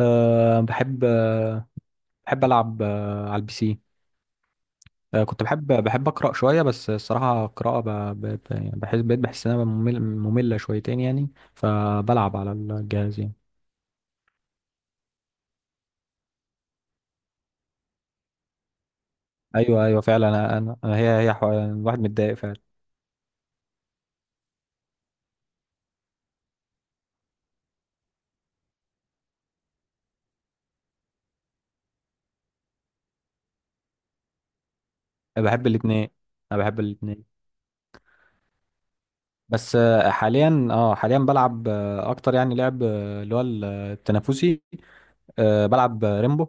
أه بحب بحب ألعب على البي سي. كنت بحب أقرأ شوية، بس الصراحة القراءة يعني بحس، بقيت بحس إنها مملة شويتين يعني. فبلعب على الجهاز يعني. أيوه، أيوه، فعلا. الواحد متضايق فعلا. أنا بحب الاتنين أنا بحب الاتنين. بس حاليا بلعب، أكتر يعني لعب اللي هو التنافسي. بلعب ريمبو.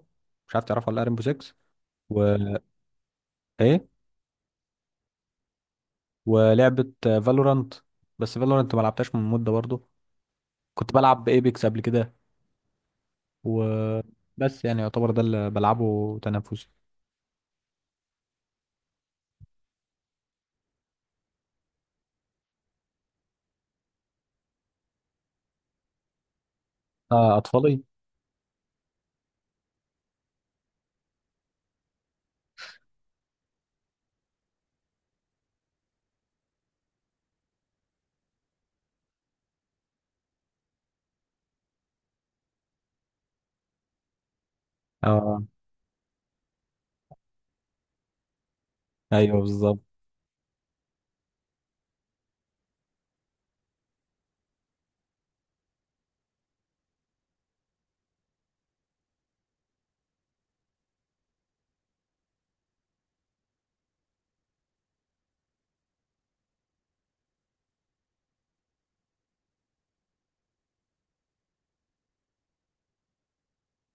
مش عارف تعرفه ولا لأ؟ ريمبو 6 و إيه ولعبة فالورانت. بس فالورانت ما لعبتهاش من مدة برضو. كنت بلعب ايبكس قبل كده، وبس يعني يعتبر ده اللي بلعبه تنافسي. أطفالي. اه أيوه، بالظبط.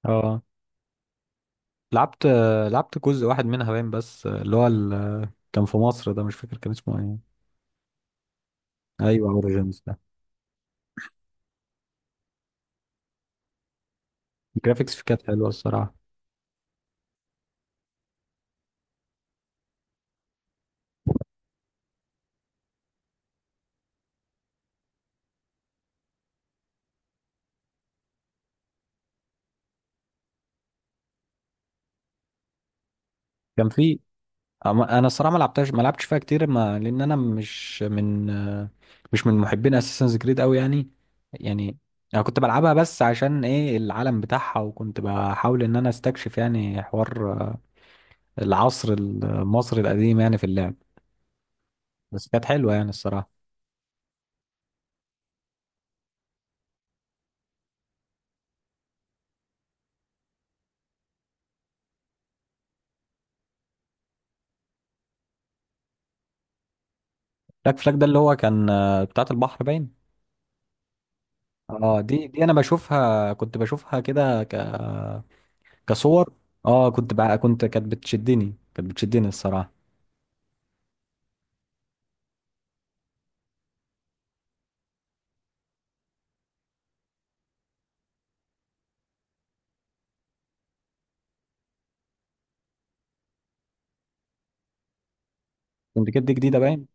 اه لعبت لعبت جزء واحد منها باين، بس اللي هو كان في مصر، ده مش فاكر كان اسمه ايه. ايوه، اوريجينز ده. الجرافيكس فيه كانت حلوه الصراحه. كان في انا الصراحه ما لعبتش فيها كتير، ما لان انا مش من مش من محبين اساسنز كريد قوي يعني. يعني انا كنت بلعبها بس عشان ايه العالم بتاعها، وكنت بحاول ان انا استكشف يعني حوار العصر المصري القديم يعني في اللعب. بس كانت حلوه يعني الصراحه. بلاك فلاج ده اللي هو كان بتاعت البحر باين. اه دي انا كنت بشوفها كده كصور. اه كنت بقى كنت كانت بتشدني الصراحه. كنت كده جديده باين.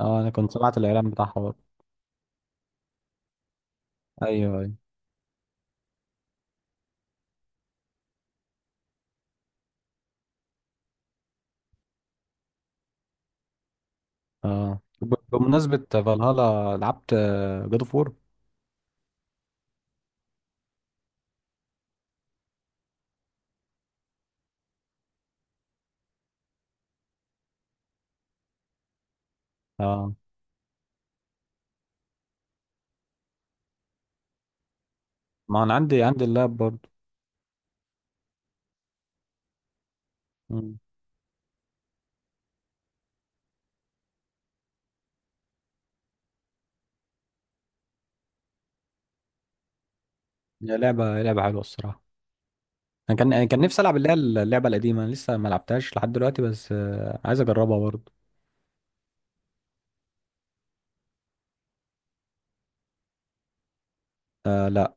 اه انا كنت سمعت الاعلان بتاعها. ايوه، ايوه. اه بمناسبة فالهالا لعبت جاد اوف وور. اه ما انا عندي اللاب برضه. مم. هي لعبة حلوة الصراحة. انا كان نفسي العب اللي هي اللعبة القديمة. أنا لسه ما لعبتهاش لحد دلوقتي، بس عايز اجربها برضه. لا.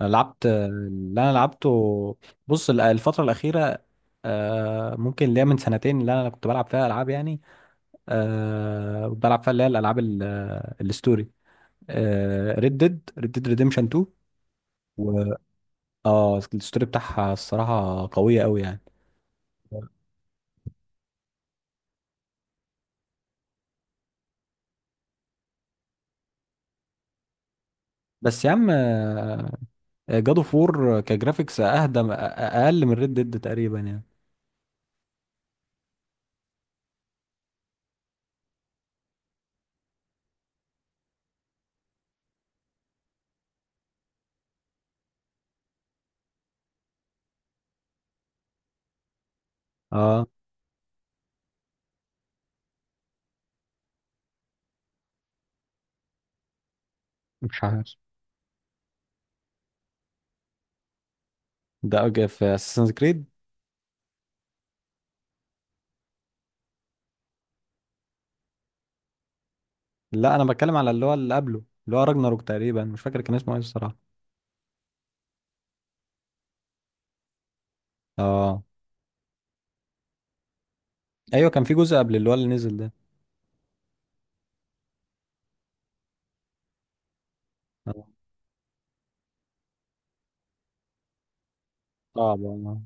أنا لعبت اللي انا لعبته. بص، الفترة الأخيرة، ممكن اللي هي من سنتين اللي انا كنت بلعب فيها العاب يعني. كنت بلعب فيها اللي هي الالعاب الستوري. ريد ديد ريديمشن 2. اه الستوري بتاعها الصراحة قوية قوي يعني. بس يا عم، جادو فور كجرافيكس اهدى اقل من ريد ديد تقريبا يعني. اه مش عارف ده أوكي في اساسن كريد. لا، انا بتكلم على اللي هو اللي قبله، اللي هو راجناروك تقريبا. مش فاكر كان اسمه ايه الصراحه. اه. ايوه، كان في جزء قبل اللي هو اللي نزل ده. آه. صعب والله.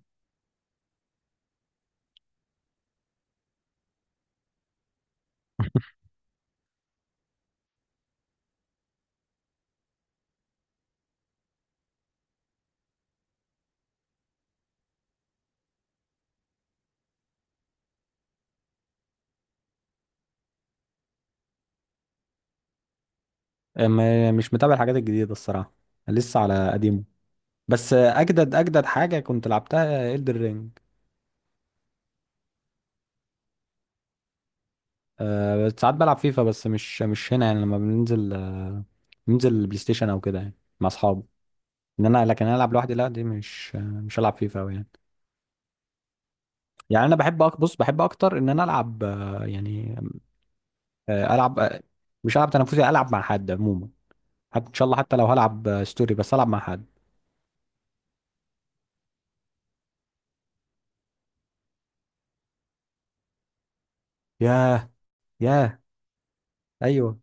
مش متابع الحاجات الجديده الصراحه، لسه على قديمه. بس اجدد حاجه كنت لعبتها إلدر رينج. ساعات بلعب فيفا، بس مش هنا يعني لما بننزل بننزل البلاي ستيشن او كده يعني، مع اصحابي. ان انا لكن انا العب لوحدي، لا دي مش هلعب فيفا أوي يعني. يعني انا بحب بص، بحب اكتر ان انا العب يعني العب مش العب تنافسي، العب مع حد عموما. حتى ان شاء الله، حتى لو هلعب ستوري، بس العب مع حد. ياه. ياه. ايوه.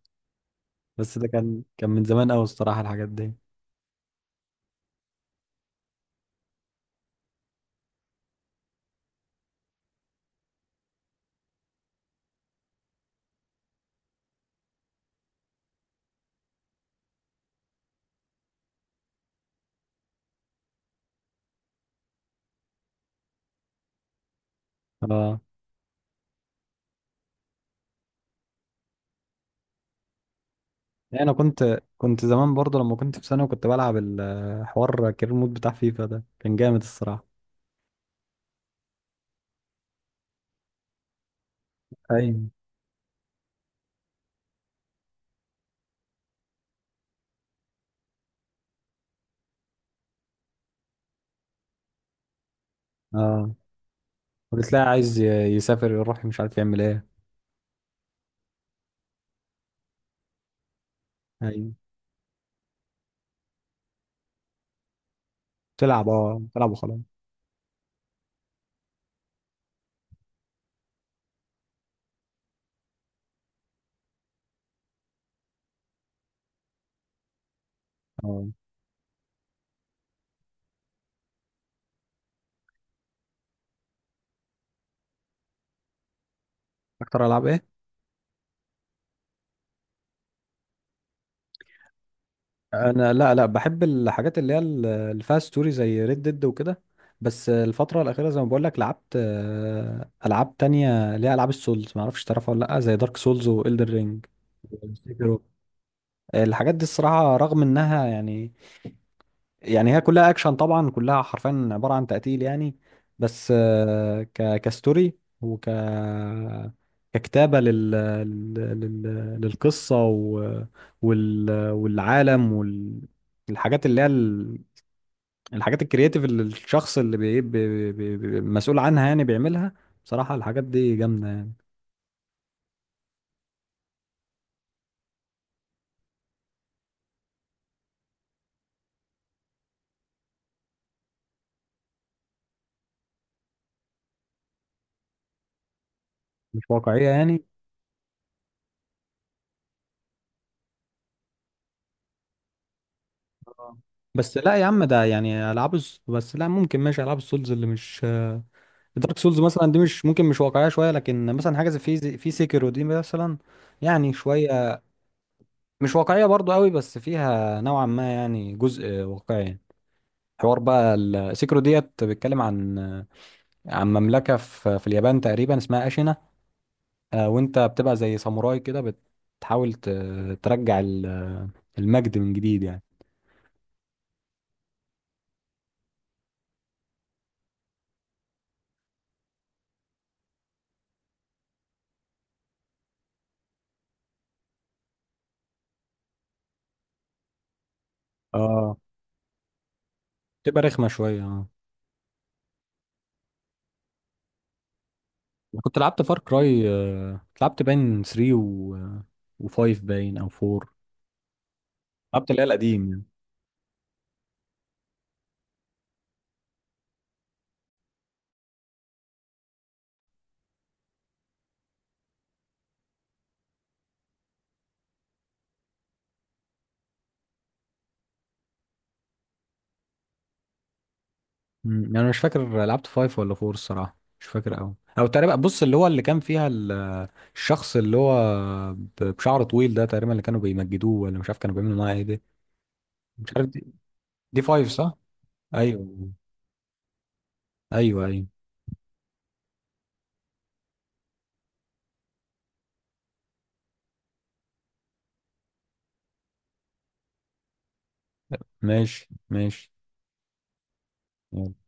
بس ده كان من زمان قوي الصراحه الحاجات دي. اه يعني انا كنت زمان برضه لما كنت في ثانوي، كنت بلعب الحوار كارير مود بتاع فيفا ده كان جامد الصراحه. ايوه. اه وبتلاقي عايز يسافر يروح، مش عارف يعمل ايه. ايوه، تلعب وخلاص. اه اكتر العاب ايه. انا، لا، لا، بحب الحاجات اللي هي اللي فيها ستوري زي ريد ديد وكده. بس الفتره الاخيره، زي ما بقول لك، لعبت العاب تانية اللي هي العاب السولز. ما اعرفش تعرفها ولا لا، زي دارك سولز والدر رينج. الحاجات دي الصراحه رغم انها يعني، يعني هي كلها اكشن طبعا، كلها حرفيا عباره عن تقتيل يعني. بس كستوري ككتابه لل... للقصه والعالم الحاجات اللي هي الحاجات الكرياتيف اللي الشخص اللي مسؤول عنها يعني بيعملها. بصراحه الحاجات دي جامده يعني، مش واقعيه يعني. آه. بس لا يا عم، ده يعني بس لا ممكن ماشي، العاب السولز اللي مش دارك سولز مثلا دي مش واقعيه شويه، لكن مثلا حاجه زي في سيكيرو دي مثلا، يعني شويه مش واقعيه برضو قوي، بس فيها نوعا ما يعني جزء واقعي. حوار بقى السيكرو ديت بيتكلم عن، عن مملكه في اليابان تقريبا اسمها اشينا. وانت بتبقى زي ساموراي كده، بتحاول ترجع المجد من جديد يعني. اه تبقى رخمه شويه. اه. كنت لعبت فار كراي، لعبت باين 3 و5 باين او 4. لعبت اللي هي القديم يعني. مم. يعني انا مش فاكر لعبت فايف ولا فور الصراحه. مش فاكر قوي، او تقريبا بص اللي هو اللي كان فيها الشخص اللي هو بشعر طويل ده، تقريبا اللي كانوا بيمجدوه، ولا مش عارف كانوا بيعملوا معاه ايه دي. مش عارف دي. دي فايف صح؟ ايوه، ايوه، ايوه. ماشي، ماشي. يلا.